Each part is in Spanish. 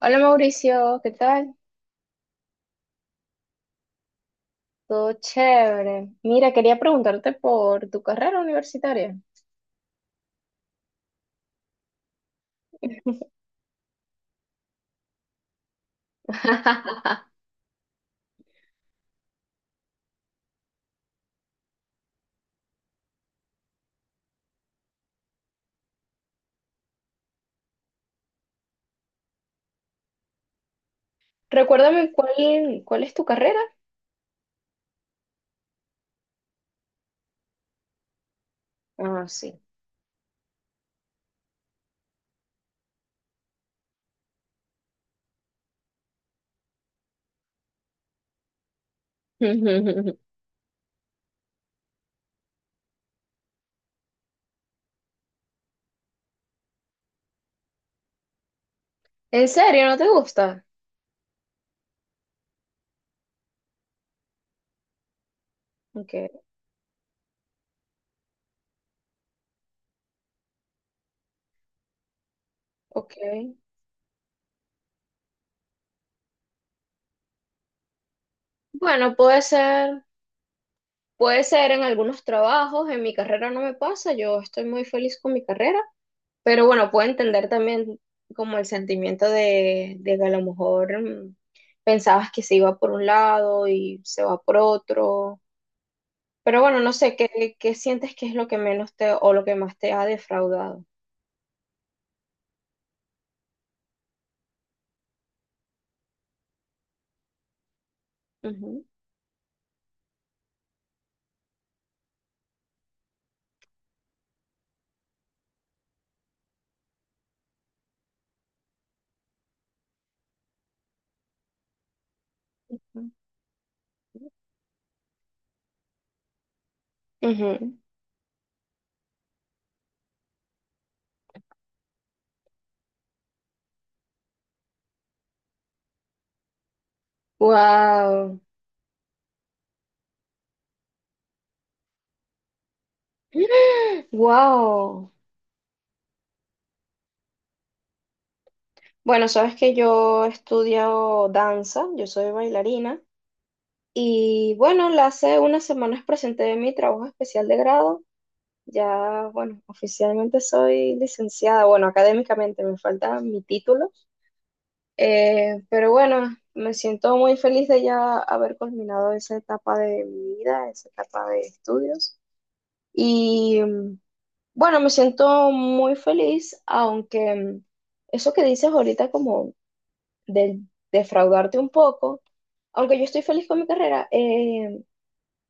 Hola Mauricio, ¿qué tal? Todo chévere. Mira, quería preguntarte por tu carrera universitaria. Recuérdame cuál es tu carrera. Ah, sí. ¿En serio? ¿No te gusta? Ok, ok. Bueno, puede ser en algunos trabajos. En mi carrera no me pasa. Yo estoy muy feliz con mi carrera. Pero bueno, puedo entender también como el sentimiento de que a lo mejor pensabas que se iba por un lado y se va por otro. Pero bueno, no sé, ¿qué sientes que es lo que menos te o lo que más te ha defraudado? Ujú. Wow. Wow. Bueno, sabes que yo estudio danza, yo soy bailarina y bueno, hace unas semanas presenté mi trabajo especial de grado. Ya, bueno, oficialmente soy licenciada, bueno, académicamente me falta mi título. Pero bueno, me siento muy feliz de ya haber culminado esa etapa de mi vida, esa etapa de estudios. Y bueno, me siento muy feliz, aunque eso que dices ahorita como de defraudarte un poco, aunque yo estoy feliz con mi carrera,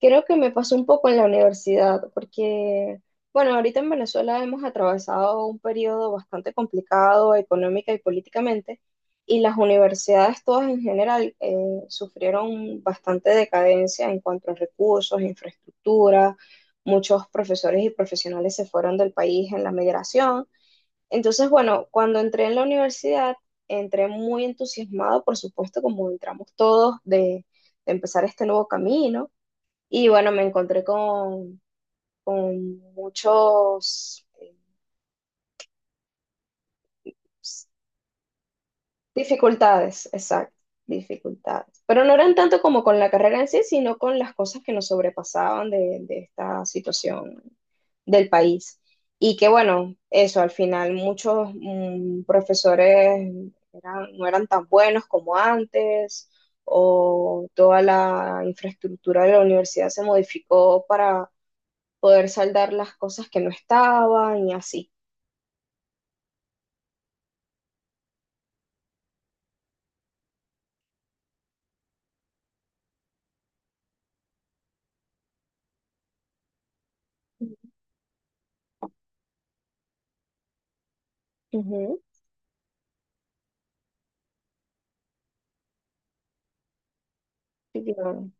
creo que me pasó un poco en la universidad, porque, bueno, ahorita en Venezuela hemos atravesado un periodo bastante complicado económica y políticamente, y las universidades todas en general sufrieron bastante decadencia en cuanto a recursos, infraestructura, muchos profesores y profesionales se fueron del país en la migración. Entonces, bueno, cuando entré en la universidad, entré muy entusiasmado, por supuesto, como entramos todos, de empezar este nuevo camino y bueno, me encontré con muchos pues, dificultades, exacto, dificultades. Pero no eran tanto como con la carrera en sí, sino con las cosas que nos sobrepasaban de esta situación del país. Y que bueno, eso, al final muchos profesores no eran tan buenos como antes, o toda la infraestructura de la universidad se modificó para poder saldar las cosas que no estaban y así. Ujú. Sí, claro.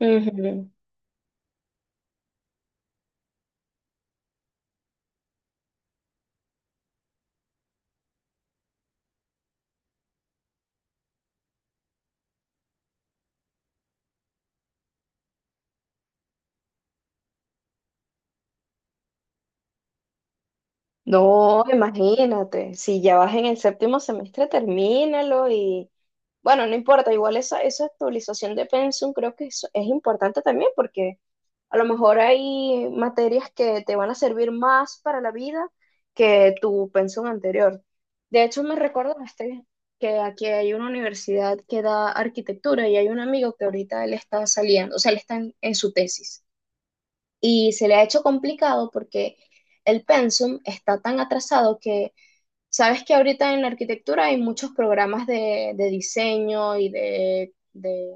Ujú. No, imagínate, si ya vas en el séptimo semestre, termínalo y bueno, no importa, igual esa, esa actualización de pensum creo que es importante también porque a lo mejor hay materias que te van a servir más para la vida que tu pensum anterior. De hecho, me recordaste que aquí hay una universidad que da arquitectura y hay un amigo que ahorita él está saliendo, o sea, él está en su tesis. Y se le ha hecho complicado porque el pensum está tan atrasado que sabes que ahorita en la arquitectura hay muchos programas de diseño y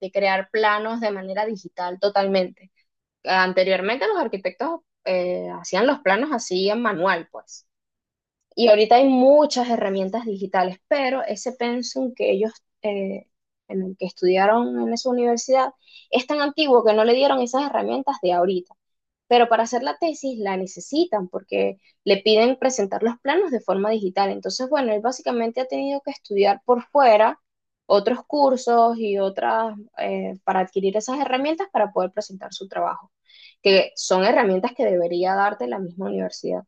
de crear planos de manera digital totalmente. Anteriormente los arquitectos hacían los planos así en manual, pues. Y ahorita hay muchas herramientas digitales, pero ese pensum que ellos, eh, en el que estudiaron en esa universidad, es tan antiguo que no le dieron esas herramientas de ahorita pero para hacer la tesis la necesitan porque le piden presentar los planos de forma digital. Entonces, bueno, él básicamente ha tenido que estudiar por fuera otros cursos y otras para adquirir esas herramientas para poder presentar su trabajo, que son herramientas que debería darte la misma universidad.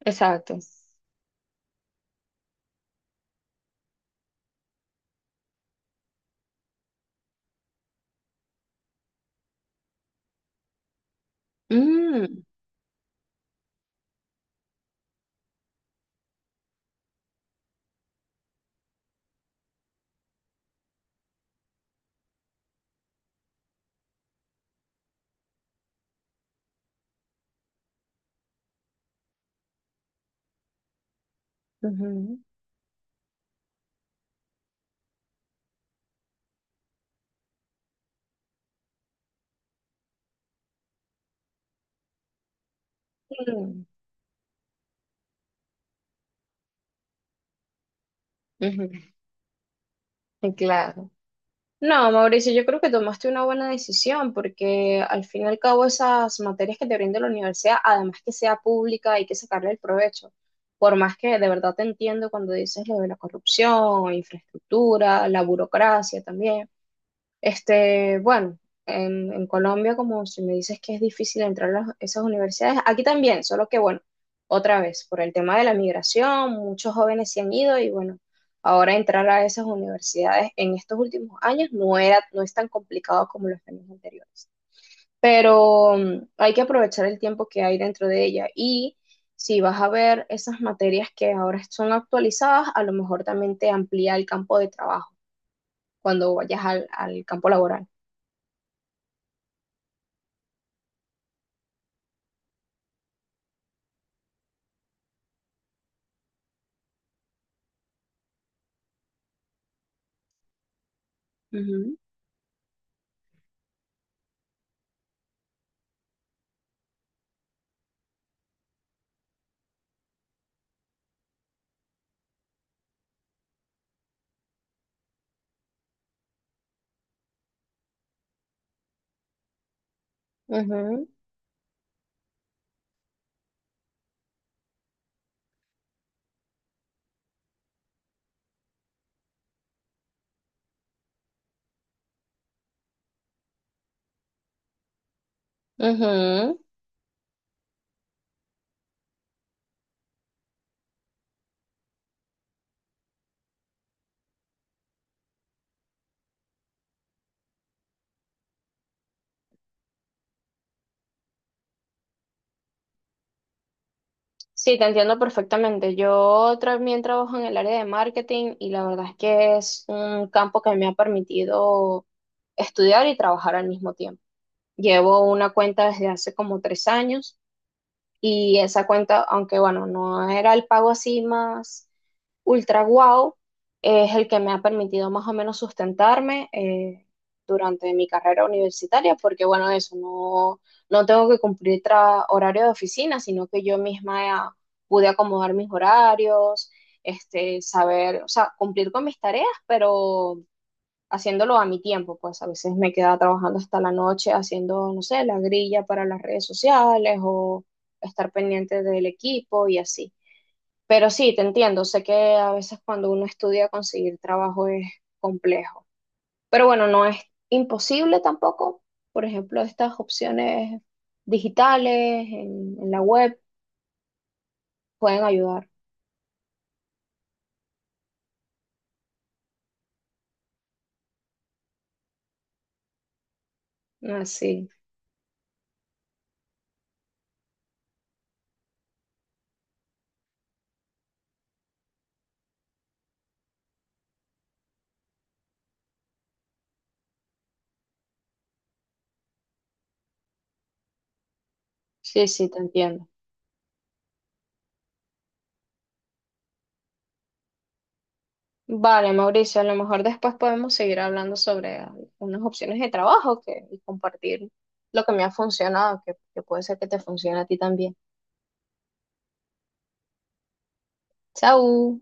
Exacto. Mm, ujú, mm, ujú, claro. No, Mauricio, yo creo que tomaste una buena decisión porque al fin y al cabo esas materias que te brinda la universidad, además que sea pública, hay que sacarle el provecho. Por más que de verdad te entiendo cuando dices lo de la corrupción, infraestructura, la burocracia también. Este, bueno, en Colombia, como si me dices que es difícil entrar a esas universidades, aquí también, solo que bueno, otra vez, por el tema de la migración, muchos jóvenes se han ido y bueno, ahora entrar a esas universidades en estos últimos años no era, no es tan complicado como los años anteriores. Pero hay que aprovechar el tiempo que hay dentro de ella y si vas a ver esas materias que ahora son actualizadas, a lo mejor también te amplía el campo de trabajo cuando vayas al al campo laboral. Ujú, ujú, ujú. Sí, te entiendo perfectamente. Yo también trabajo en el área de marketing y la verdad es que es un campo que me ha permitido estudiar y trabajar al mismo tiempo. Llevo una cuenta desde hace como 3 años y esa cuenta, aunque bueno, no era el pago así más ultra guau, es el que me ha permitido más o menos sustentarme durante mi carrera universitaria, porque bueno, eso, no, no tengo que cumplir horario de oficina, sino que yo misma pude acomodar mis horarios, este, saber, o sea, cumplir con mis tareas, pero haciéndolo a mi tiempo, pues a veces me quedaba trabajando hasta la noche haciendo, no sé, la grilla para las redes sociales o estar pendiente del equipo y así. Pero sí, te entiendo, sé que a veces cuando uno estudia conseguir trabajo es complejo, pero bueno, no es imposible tampoco. Por ejemplo, estas opciones digitales en la web pueden ayudar. Ah, sí, sí, sí, te entiendo. Vale, Mauricio, a lo mejor después podemos seguir hablando sobre unas opciones de trabajo que, y compartir lo que me ha funcionado, que puede ser que te funcione a ti también. Chao.